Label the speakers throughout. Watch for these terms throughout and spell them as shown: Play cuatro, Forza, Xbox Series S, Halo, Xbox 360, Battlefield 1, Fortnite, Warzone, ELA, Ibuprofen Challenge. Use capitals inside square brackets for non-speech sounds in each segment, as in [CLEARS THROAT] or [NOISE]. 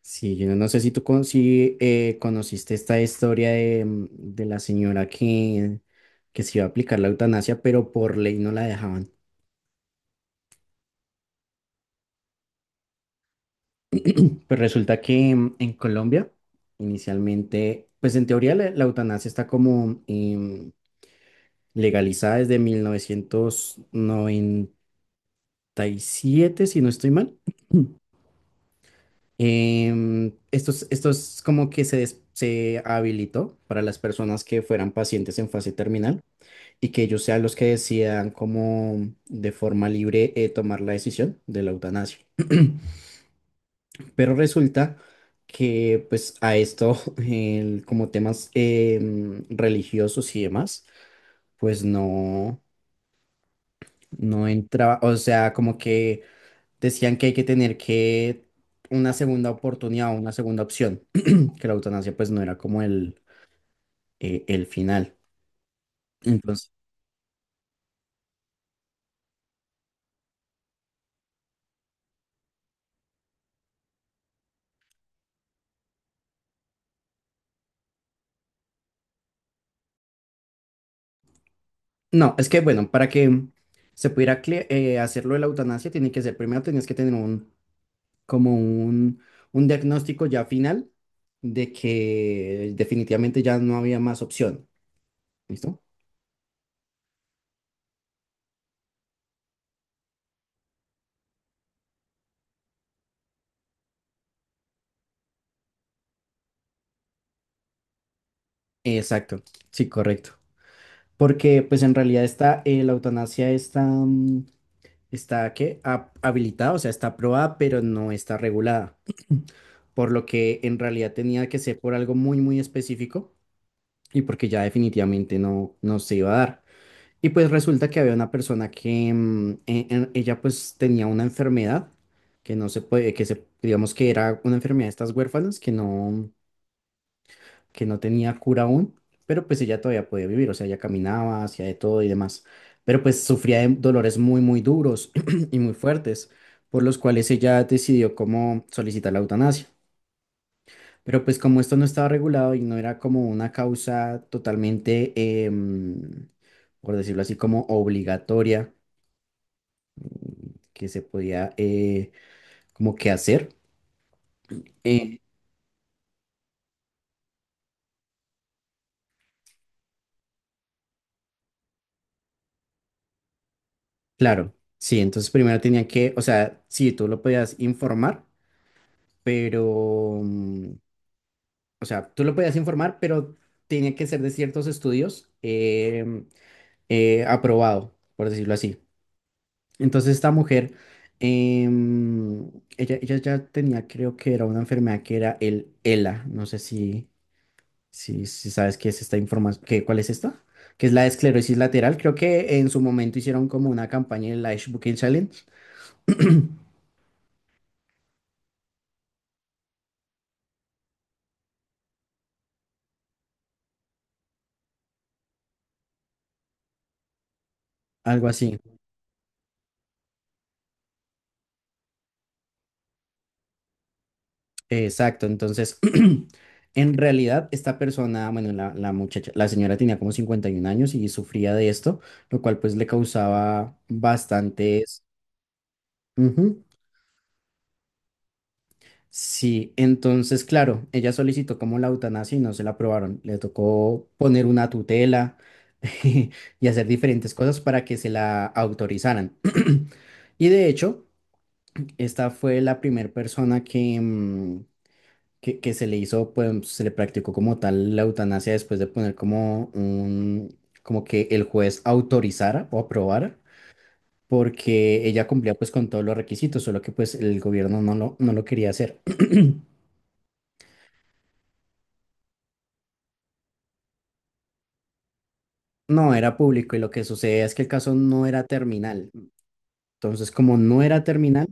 Speaker 1: Sí, yo no sé si tú con, si, conociste esta historia de la señora que se iba a aplicar la eutanasia, pero por ley no la dejaban. Pues resulta que en Colombia, inicialmente, pues en teoría la eutanasia está como legalizada desde 1997 si no estoy mal. [CLEARS THROAT] Esto es como que se habilitó para las personas que fueran pacientes en fase terminal y que ellos sean los que decidan como de forma libre tomar la decisión de la eutanasia. Pero resulta que pues a esto, [LAUGHS] como temas religiosos y demás, pues no, no entraba, o sea, como que decían que hay que tener que una segunda oportunidad, o una segunda opción, [CLEARS THROAT] que la eutanasia pues no era como el final. Entonces, no, es que bueno, para que se pudiera hacerlo de la eutanasia, tiene que ser primero tenías que tener como un, un diagnóstico ya final de que definitivamente ya no había más opción. ¿Listo? Exacto, sí, correcto. Porque pues en realidad la eutanasia está, está ¿qué? Habilitada, o sea, está aprobada, pero no está regulada. Por lo que en realidad tenía que ser por algo muy, muy específico y porque ya definitivamente no, no se iba a dar. Y pues resulta que había una persona que ella pues tenía una enfermedad que no se puede, que se, digamos que era una enfermedad de estas huérfanas que no tenía cura aún, pero pues ella todavía podía vivir, o sea, ella caminaba, hacía de todo y demás, pero pues sufría de dolores muy, muy duros [CLEARS THROAT] y muy fuertes, por los cuales ella decidió cómo solicitar la eutanasia. Pero pues como esto no estaba regulado y no era como una causa totalmente, por decirlo así, como obligatoria que se podía como que hacer. Eh, claro, sí, entonces primero tenían que, o sea, sí, tú lo podías informar, pero, o sea, tú lo podías informar, pero tenía que ser de ciertos estudios aprobado, por decirlo así. Entonces esta mujer, em, ella ya tenía, creo que era una enfermedad que era el ELA, no sé si... Si, si sabes qué es esta información, ¿qué, cuál es esta? Que es la esclerosis lateral. Creo que en su momento hicieron como una campaña en la Ibuprofen Challenge, algo así. Exacto. Entonces, [CLEARS THROAT] en realidad, esta persona, bueno, la muchacha, la señora tenía como 51 años y sufría de esto, lo cual pues le causaba bastantes. Ujú. Sí, entonces, claro, ella solicitó como la eutanasia y no se la aprobaron. Le tocó poner una tutela [LAUGHS] y hacer diferentes cosas para que se la autorizaran. [CLEARS THROAT] Y de hecho, esta fue la primera persona que se le hizo, pues se le practicó como tal la eutanasia después de poner como un, como que el juez autorizara o aprobara, porque ella cumplía pues con todos los requisitos, solo que pues el gobierno no lo quería hacer. [CLEARS THROAT] No, era público y lo que sucede es que el caso no era terminal. Entonces, como no era terminal,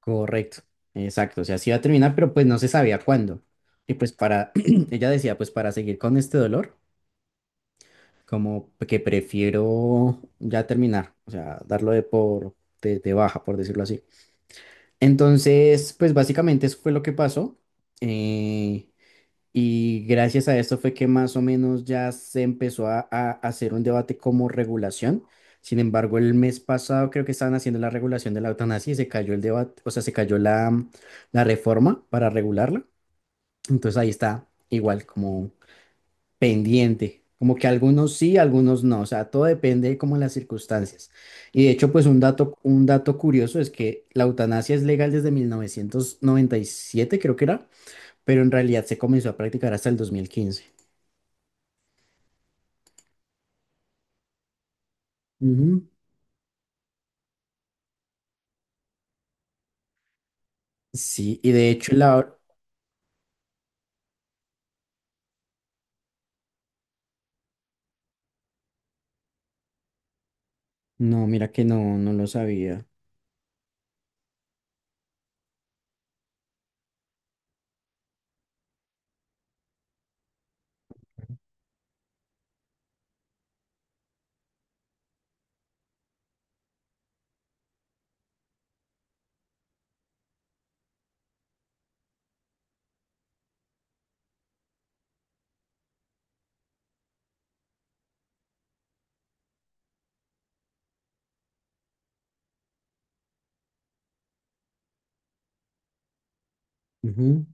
Speaker 1: correcto, exacto, o sea, sí iba a terminar, pero pues no se sabía cuándo. Y pues para, [CLEARS THROAT] ella decía, pues para seguir con este dolor, como que prefiero ya terminar, o sea, darlo de de baja, por decirlo así. Entonces, pues básicamente eso fue lo que pasó. Eh, Y gracias a esto fue que más o menos ya se empezó a hacer un debate como regulación. Sin embargo, el mes pasado creo que estaban haciendo la regulación de la eutanasia y se cayó el debate, o sea, se cayó la reforma para regularla. Entonces ahí está igual como pendiente, como que algunos sí, algunos no, o sea, todo depende como de las circunstancias. Y de hecho, pues un dato curioso es que la eutanasia es legal desde 1997 creo que era, pero en realidad se comenzó a practicar hasta el 2015. Ujú. Sí, y de hecho la... No, mira que no, no lo sabía. Ujú.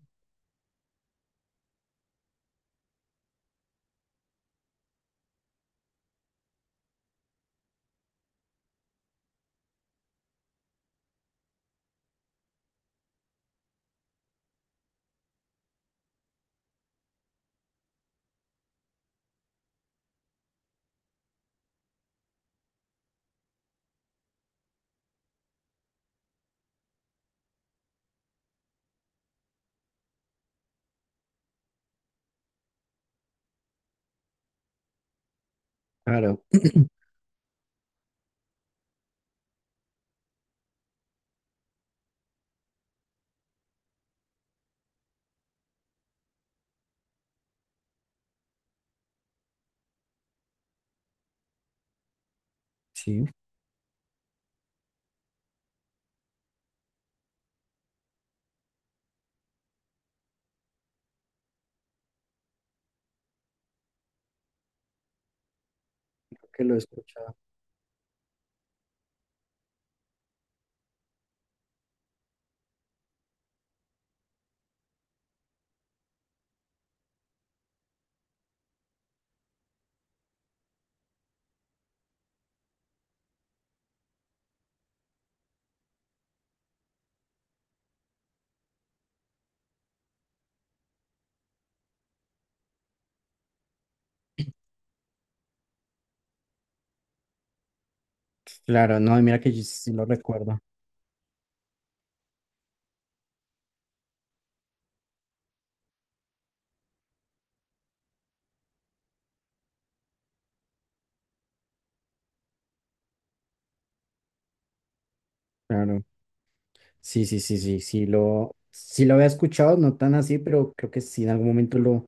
Speaker 1: Claro. [CLEARS THROAT] Sí. Creo que lo he escuchado. Claro, no, y mira que yo sí lo recuerdo. Claro, sí, sí, sí, sí, sí lo había escuchado, no tan así, pero creo que sí en algún momento lo,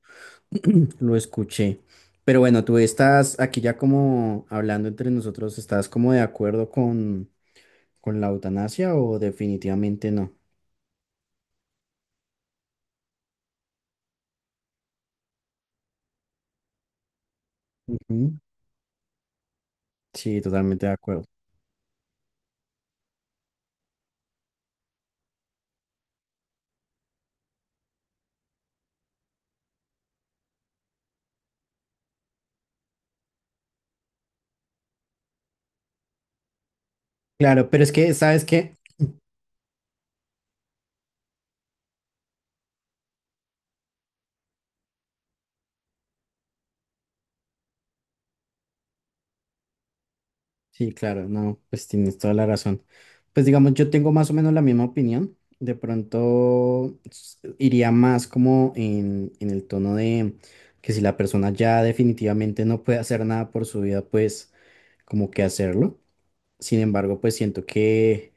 Speaker 1: [CLEARS THROAT] lo escuché. Pero bueno, tú estás aquí ya como hablando entre nosotros, ¿estás como de acuerdo con la eutanasia o definitivamente no? Ujú. Sí, totalmente de acuerdo. Claro, pero es que, ¿sabes qué? Sí, claro, no, pues tienes toda la razón. Pues digamos, yo tengo más o menos la misma opinión. De pronto iría más como en el tono de que si la persona ya definitivamente no puede hacer nada por su vida, pues como que hacerlo. Sin embargo, pues siento que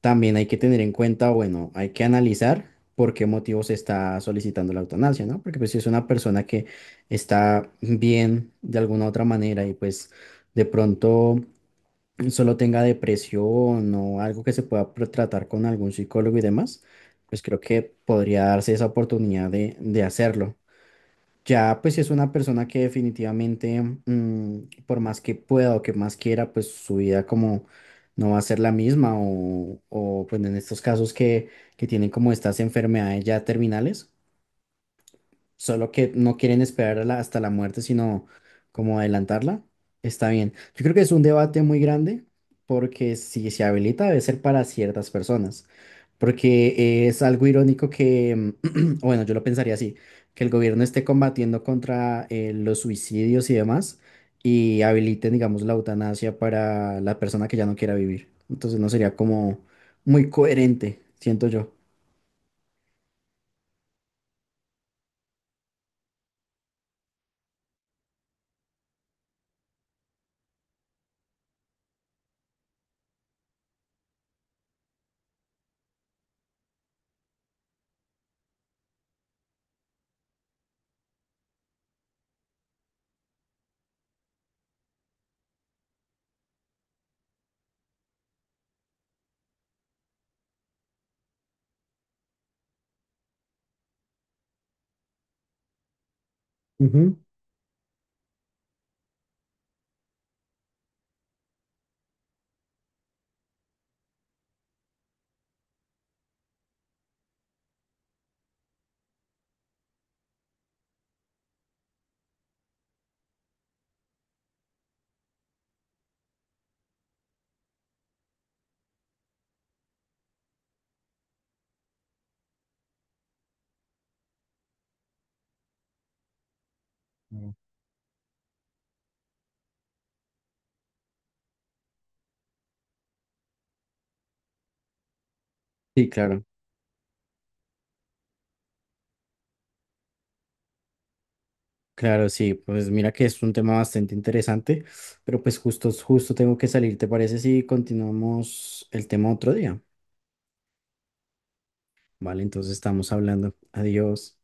Speaker 1: también hay que tener en cuenta, bueno, hay que analizar por qué motivo se está solicitando la eutanasia, ¿no? Porque pues si es una persona que está bien de alguna otra manera y pues de pronto solo tenga depresión o algo que se pueda tratar con algún psicólogo y demás, pues creo que podría darse esa oportunidad de hacerlo. Ya, pues si es una persona que definitivamente, por más que pueda o que más quiera, pues su vida como no va a ser la misma o pues en estos casos que tienen como estas enfermedades ya terminales solo que no quieren esperar hasta la muerte, sino como adelantarla, está bien. Yo creo que es un debate muy grande porque si se habilita debe ser para ciertas personas, porque es algo irónico que, [CLEARS THROAT] o bueno, yo lo pensaría así, que el gobierno esté combatiendo contra los suicidios y demás y habiliten, digamos, la eutanasia para la persona que ya no quiera vivir. Entonces no sería como muy coherente, siento yo. Ujú. Sí, claro. Claro, sí, pues mira que es un tema bastante interesante, pero pues justo, justo tengo que salir, ¿te parece si continuamos el tema otro día? Vale, entonces estamos hablando. Adiós.